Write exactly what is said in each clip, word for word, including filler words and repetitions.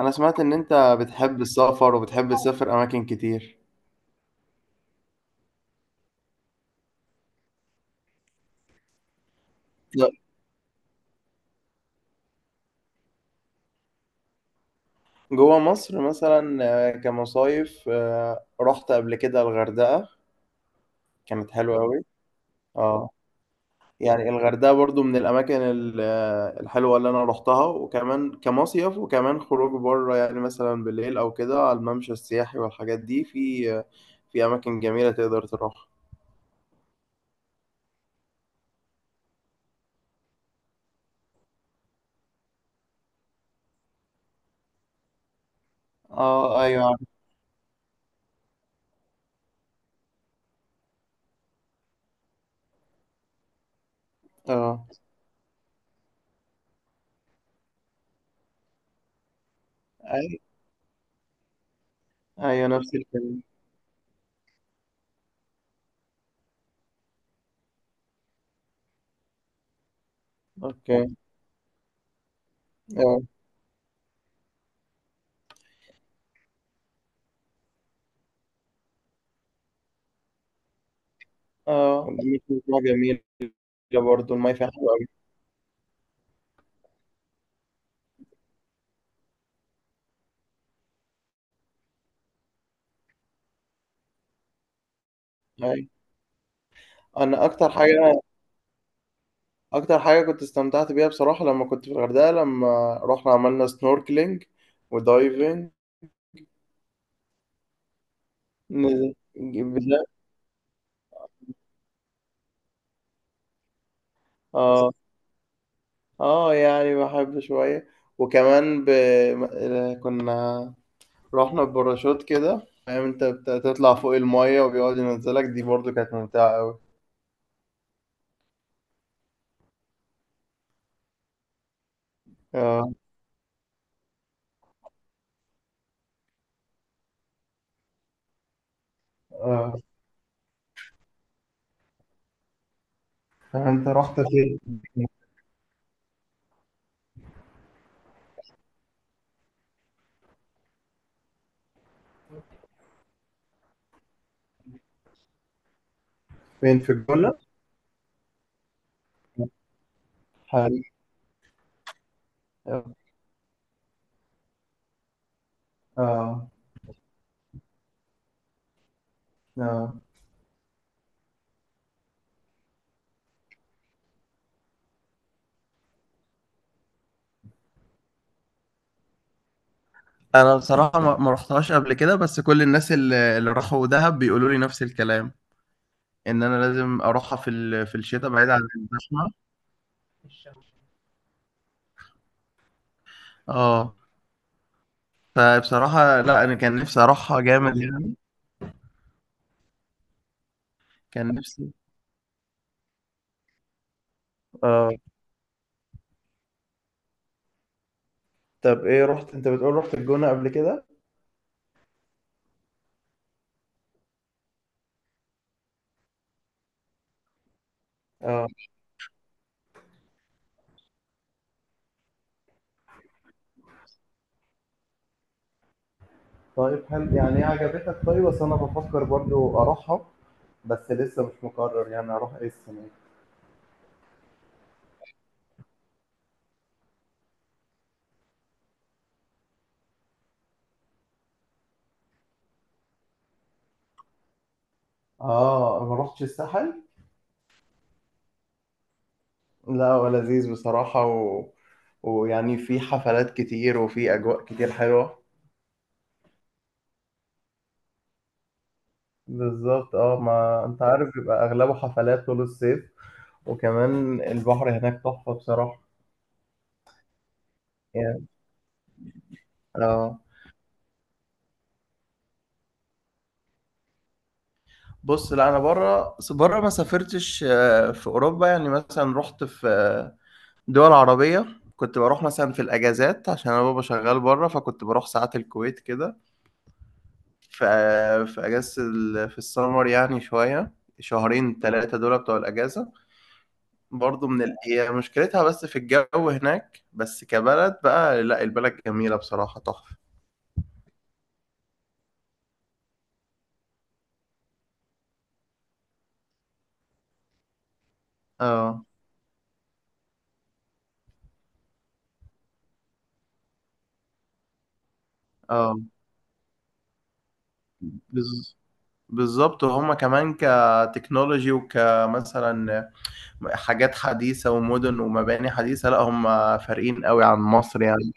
انا سمعت ان انت بتحب السفر وبتحب تسافر اماكن كتير. لا. جوه مصر مثلا. آه، كمصايف، آه، رحت قبل كده الغردقة. كانت حلوة قوي. اه. يعني الغردقة برضو من الاماكن ال- آه، الحلوة اللي انا رحتها، وكمان كمصيف، وكمان خروج بره، يعني مثلا بالليل او كده على الممشى السياحي والحاجات دي، في آه، في اماكن جميلة تقدر تروحها. اه، ايوه، عارف. اه، اي، ايوه، نفس الكلام. اوكي. اه اه، دي بتبقى جميلة. برضه الماية فيها حلوة أوي. أيوة. أنا أكتر حاجة أكتر حاجة كنت استمتعت بيها بصراحة لما كنت في الغردقة، لما رحنا عملنا سنوركلينج ودايفنج نزل بجد. آه. آه، يعني بحب شوية. وكمان ب... م- كنا رحنا بباراشوت كده، فاهم، أنت بتطلع فوق الماية وبيقعد ينزلك، دي برضه كانت ممتعة أوي. آه آه. فأنت رحت فين؟ فين في الجونة؟ حلو. آه آه. انا بصراحه ما ما رحتهاش قبل كده، بس كل الناس اللي اللي راحوا دهب بيقولوا لي نفس الكلام، ان انا لازم اروحها في ال- في الشتاء، بعيد عن الزحمه. اه. فبصراحه لا، انا كان نفسي اروحها جامد يعني. كان نفسي. اه. طب ايه، رحت انت، بتقول رحت الجونه قبل كده؟ اه. طيب، هل يعني ايه عجبتك؟ طيب بس انا بفكر برضو اروحها، بس لسه مش مقرر يعني اروح ايه السنه دي. اه، ما رحتش الساحل. لا، هو لذيذ بصراحة و... ويعني في حفلات كتير وفي أجواء كتير حلوة. بالظبط. اه، ما أنت عارف بيبقى أغلبه حفلات طول الصيف. وكمان البحر هناك تحفة بصراحة. يعني. اه. بص، لا أنا بره بره ما سافرتش، آه، في أوروبا، يعني مثلا رحت في آه، دول عربية. كنت بروح مثلا في الأجازات عشان أنا بابا شغال بره، فكنت بروح ساعات الكويت كده. في في اجازه ال- في السمر يعني شويه، شهرين ثلاثه دول بتوع الاجازه. برضو من ال... هي مشكلتها بس في الجو هناك، بس كبلد بقى، لا البلد جميله بصراحه، تحفه. اه اه. بز... بالظبط، وهما كمان كتكنولوجي وكمثلا حاجات حديثه ومدن ومباني حديثه، لا هما فارقين قوي عن مصر يعني.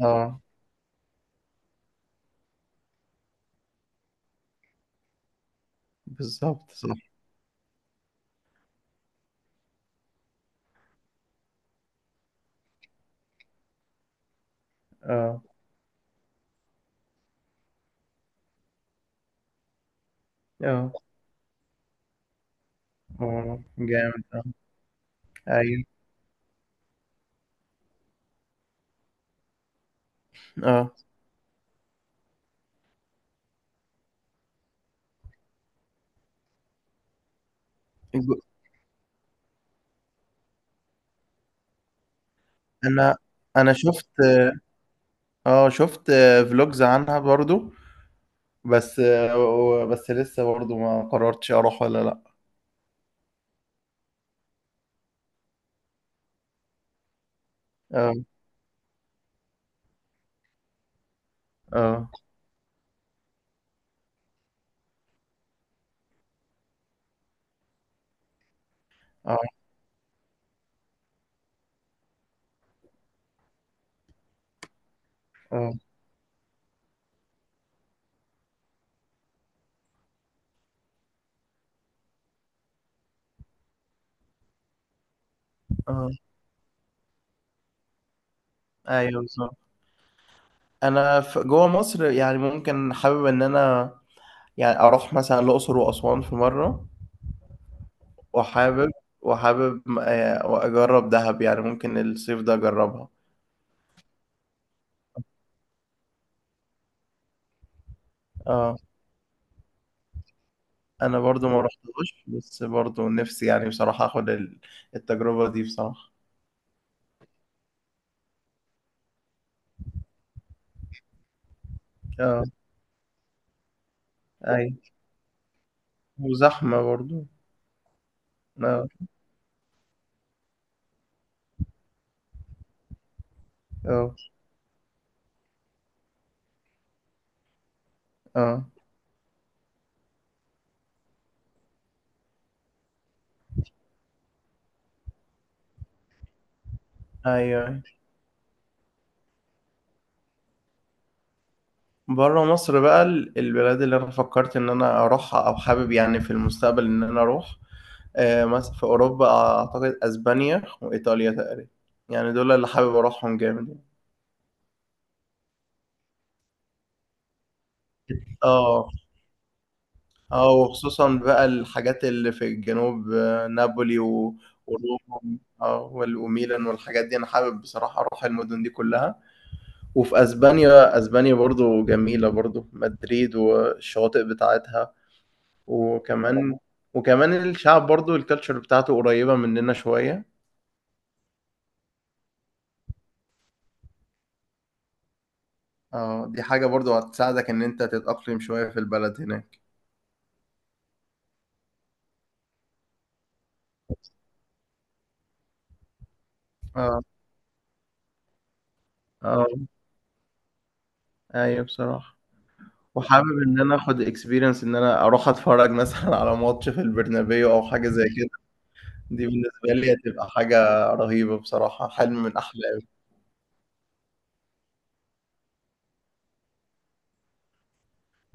اه بالظبط صح. اه اه اه، جامد، اه، ايوه، اه. انا انا شفت اه شفت فلوجز عنها برضو، بس آه، بس لسه برضو ما قررتش اروح ولا لا. اه اه اه اه اه، ايوه، بالظبط. انا في جوه مصر يعني ممكن حابب ان انا يعني اروح مثلا الاقصر واسوان في مره. وحابب، وحابب آه، اجرب دهب يعني ممكن الصيف ده اجربها. اه، انا برضو ما رحتهاش، بس برضو نفسي يعني بصراحه اخد ال- التجربه دي بصراحه. اه ايوه، وزحمة برضه. آه، آه، آه، أيوه، أيوه. برّه مصر بقى، ال البلاد اللي أنا فكّرت إن أنا أروحها أو حابب يعني في المستقبل إن أنا أروح، آآ، مثلًا في أوروبا، أعتقد أسبانيا وإيطاليا تقريبًا، يعني دول اللي حابب أروحهم جامد يعني. آه، آه، وخصوصًا بقى الحاجات اللي في الجنوب، آه، نابولي، و وروما، آه، وال وميلان والحاجات دي، أنا حابب بصراحة أروح المدن دي كلّها. وفي اسبانيا اسبانيا برضو جميلة، برضو مدريد والشواطئ بتاعتها، وكمان وكمان الشعب برضو، الكالتشر بتاعته قريبة مننا شوية. اه، دي حاجة برضو هتساعدك ان انت تتأقلم شوية في البلد هناك. اه اه ايوه بصراحة. وحابب ان انا اخد اكسبيرينس، ان انا اروح اتفرج مثلا على ماتش في البرنابيو او حاجة زي كده. دي بالنسبة لي هتبقى حاجة رهيبة بصراحة، حلم من احلامي.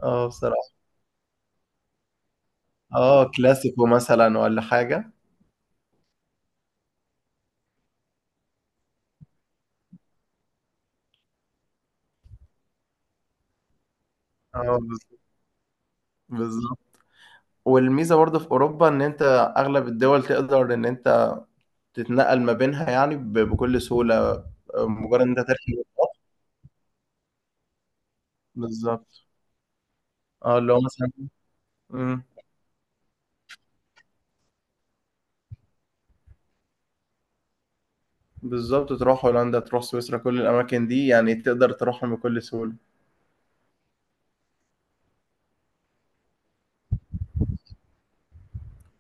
اه بصراحة. اه، كلاسيكو مثلا ولا حاجة. اه بالظبط، بالظبط. والميزه برضه في اوروبا ان انت اغلب الدول تقدر ان انت تتنقل ما بينها يعني ب- بكل سهوله، مجرد ان انت تركب القطر. بالظبط. اه اللي هو مثلا. مم. بالظبط، تروح هولندا، تروح سويسرا، كل الاماكن دي يعني تقدر تروحهم بكل سهوله.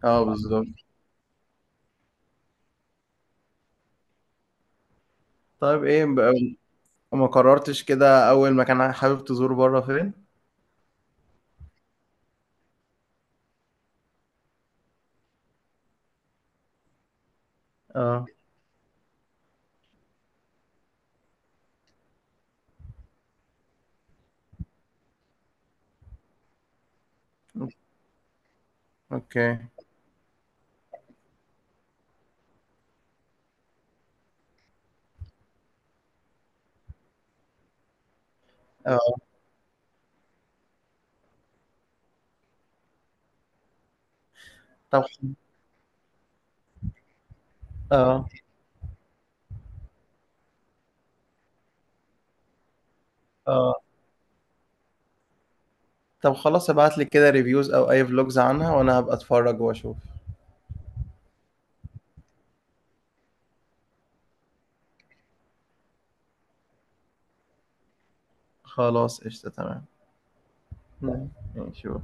اه بالظبط. طيب ايه بقى، ما قررتش كده اول مكان حابب تزور بره فين؟ اه، اوكي، اه، طب، اه اه، طب خلاص، ابعت لي كده ريفيوز او اي فلوجز عنها وانا هبقى اتفرج واشوف. خلاص قشطة تمام. مم. يعني شو